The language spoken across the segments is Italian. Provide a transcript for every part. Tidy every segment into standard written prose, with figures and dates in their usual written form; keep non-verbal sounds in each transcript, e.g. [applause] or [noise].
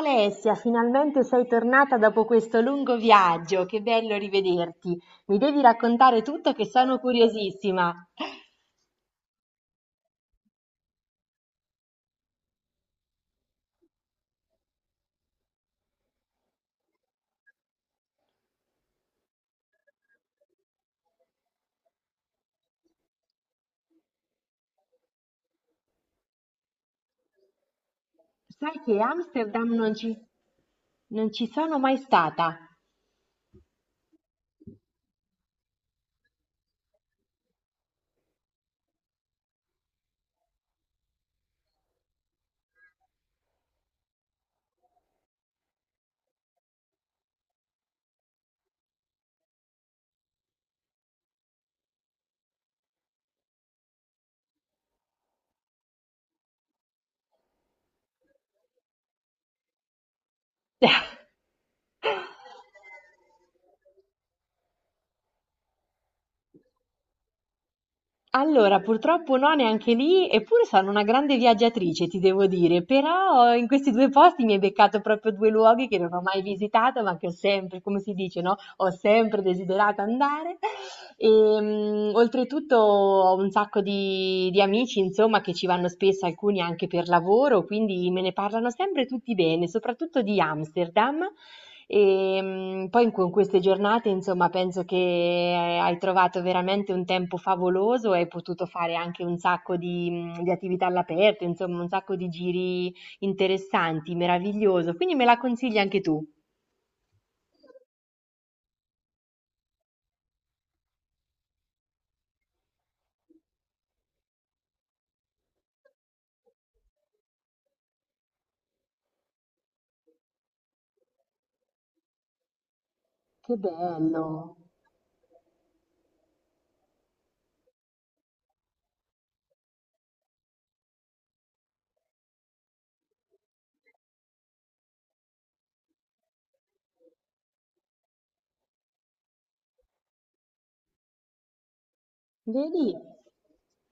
Alessia, finalmente sei tornata dopo questo lungo viaggio, che bello rivederti. Mi devi raccontare tutto che sono curiosissima. Sai che Amsterdam non ci sono mai stata. [laughs] Allora, purtroppo no, neanche lì, eppure sono una grande viaggiatrice, ti devo dire, però in questi due posti mi hai beccato proprio due luoghi che non ho mai visitato, ma che ho sempre, come si dice, no? Ho sempre desiderato andare. Oltretutto ho un sacco di amici, insomma, che ci vanno spesso, alcuni anche per lavoro, quindi me ne parlano sempre tutti bene, soprattutto di Amsterdam. Poi in con queste giornate, insomma, penso che hai trovato veramente un tempo favoloso e hai potuto fare anche un sacco di, di attività all'aperto, insomma, un sacco di giri interessanti, meraviglioso. Quindi me la consigli anche tu? Che bello! Vedi?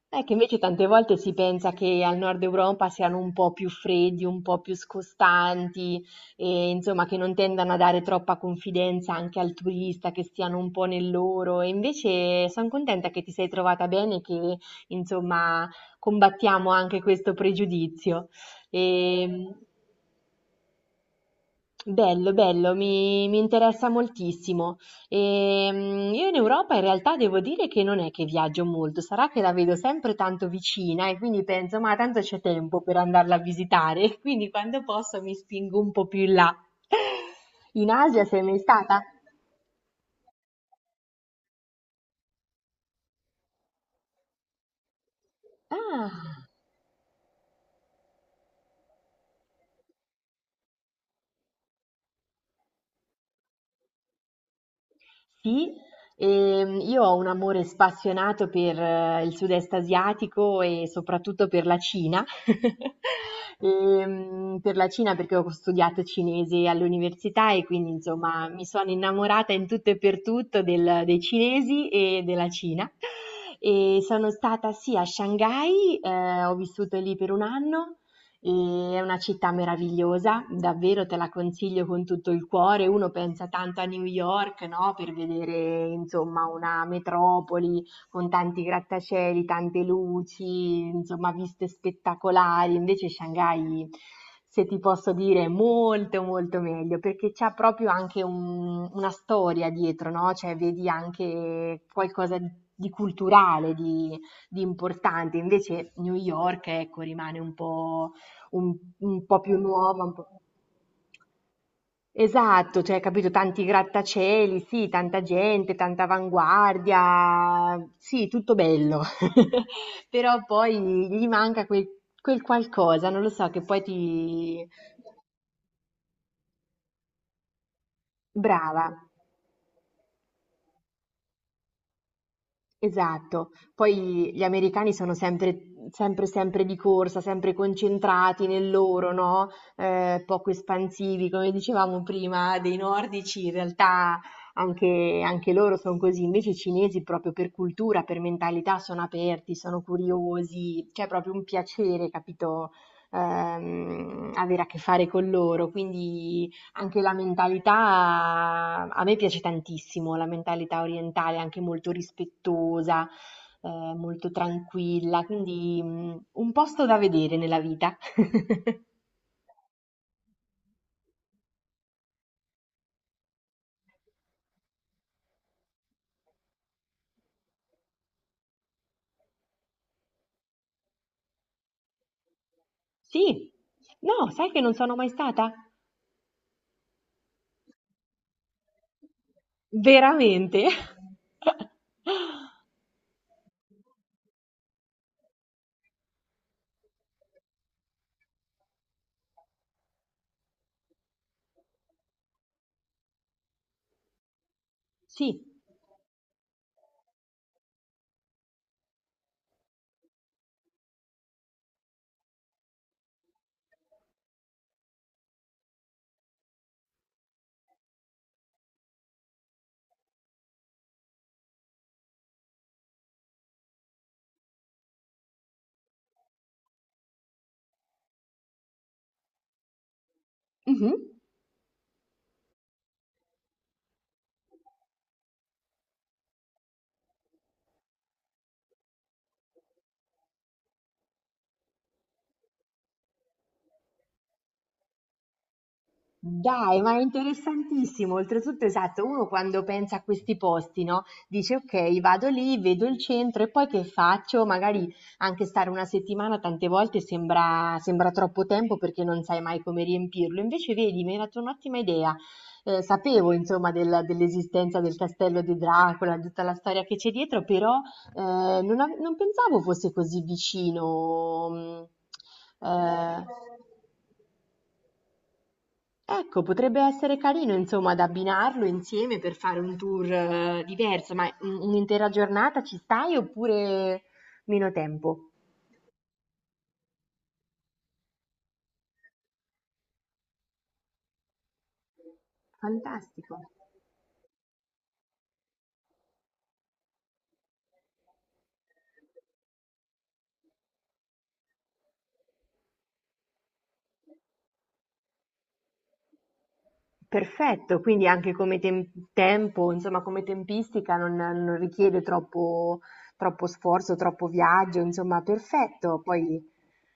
È che invece tante volte si pensa che al nord Europa siano un po' più freddi, un po' più scostanti, e insomma che non tendano a dare troppa confidenza anche al turista, che stiano un po' nel loro. E invece sono contenta che ti sei trovata bene e che insomma combattiamo anche questo pregiudizio. E, Bello, bello, mi interessa moltissimo. Io in Europa in realtà devo dire che non è che viaggio molto, sarà che la vedo sempre tanto vicina e quindi penso, ma tanto c'è tempo per andarla a visitare, [laughs] quindi quando posso mi spingo un po' più in là. In Asia sei mai stata? Ah. Sì, io ho un amore spassionato per il sud-est asiatico e soprattutto per la Cina. [laughs] Per la Cina perché ho studiato cinese all'università e quindi insomma mi sono innamorata in tutto e per tutto dei cinesi e della Cina. E sono stata sì a Shanghai, ho vissuto lì per un anno. E è una città meravigliosa, davvero te la consiglio con tutto il cuore. Uno pensa tanto a New York, no? Per vedere, insomma, una metropoli con tanti grattacieli, tante luci, insomma, viste spettacolari. Invece Shanghai, se ti posso dire, è molto, molto meglio perché c'è proprio anche una storia dietro, no? Cioè, vedi anche qualcosa di culturale, di importante. Invece New York, ecco, rimane un po' un, un po' più nuova, un po'... Esatto, cioè, capito, tanti grattacieli, sì, tanta gente, tanta avanguardia, sì, tutto bello, [laughs] però poi gli manca quel qualcosa, non lo so, che poi ti... Brava, esatto, poi gli americani sono sempre di corsa, sempre concentrati nel loro, no? Poco espansivi, come dicevamo prima, dei nordici, in realtà anche loro sono così, invece i cinesi proprio per cultura, per mentalità sono aperti, sono curiosi, c'è proprio un piacere, capito? Avere a che fare con loro, quindi anche la mentalità, a me piace tantissimo la mentalità orientale, anche molto rispettosa, eh, molto tranquilla, quindi un posto da vedere nella vita. [laughs] Sì, no, sai che non sono mai stata? Veramente? [laughs] Sì. Mhm. Dai, ma è interessantissimo. Oltretutto, esatto, uno quando pensa a questi posti, no? Dice, ok, vado lì, vedo il centro e poi che faccio? Magari anche stare una settimana tante volte sembra, sembra troppo tempo perché non sai mai come riempirlo. Invece, vedi, mi hai dato un'ottima idea. Sapevo, insomma, dell'esistenza del castello di Dracula, di tutta la storia che c'è dietro, però non pensavo fosse così vicino. mm, eh, Ecco, potrebbe essere carino insomma da abbinarlo insieme per fare un tour, diverso, ma un un'intera giornata ci stai oppure meno tempo? Fantastico. Perfetto, quindi anche come tempo, insomma, come tempistica non richiede troppo, troppo sforzo, troppo viaggio, insomma, perfetto. Poi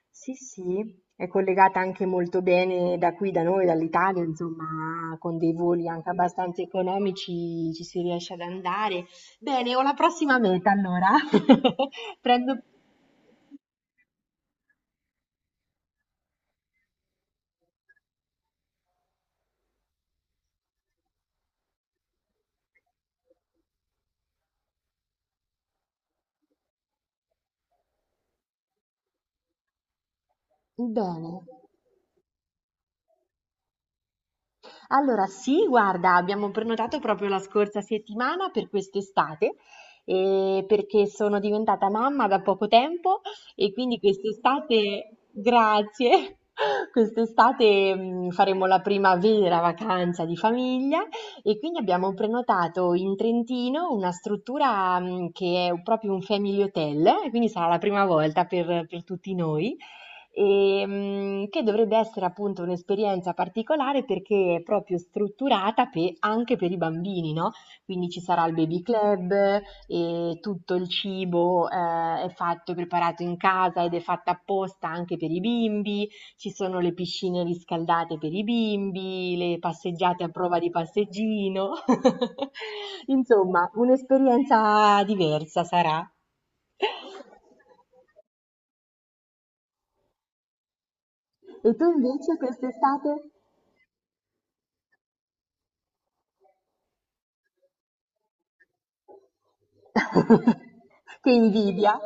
sì, sì, è collegata anche molto bene da qui, da noi, dall'Italia, insomma, con dei voli anche abbastanza economici ci si riesce ad andare. Bene, ho la prossima meta allora. [laughs] Prendo bene. Allora, sì, guarda, abbiamo prenotato proprio la scorsa settimana per quest'estate, perché sono diventata mamma da poco tempo e quindi quest'estate, grazie, [laughs] quest'estate faremo la prima vera vacanza di famiglia e quindi abbiamo prenotato in Trentino una struttura che è proprio un family hotel, e quindi sarà la prima volta per tutti noi. Che dovrebbe essere appunto un'esperienza particolare perché è proprio strutturata anche per i bambini, no? Quindi ci sarà il baby club e tutto il cibo è fatto e preparato in casa ed è fatta apposta anche per i bimbi, ci sono le piscine riscaldate per i bimbi, le passeggiate a prova di passeggino. [laughs] Insomma, un'esperienza diversa sarà. E tu invece quest'estate? [laughs] Che invidia.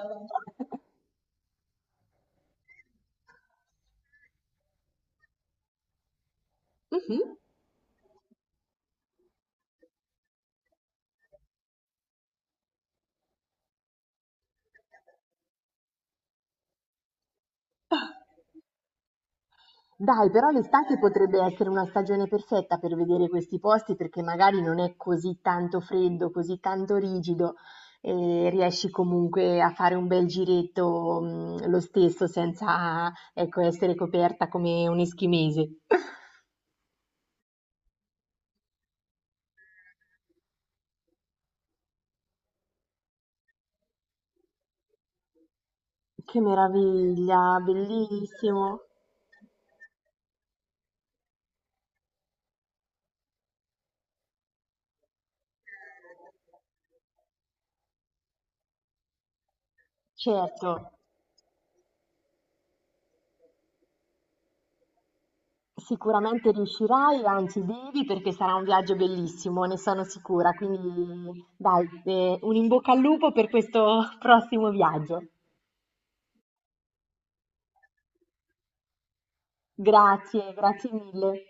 Mhm. Dai, però l'estate potrebbe essere una stagione perfetta per vedere questi posti perché magari non è così tanto freddo, così tanto rigido e riesci comunque a fare un bel giretto, lo stesso senza, ecco, essere coperta come un eschimese. [laughs] Che meraviglia, bellissimo. Certo. Sicuramente riuscirai, anzi devi perché sarà un viaggio bellissimo, ne sono sicura. Quindi dai, un in bocca al lupo per questo [laughs] prossimo viaggio. Grazie, grazie mille.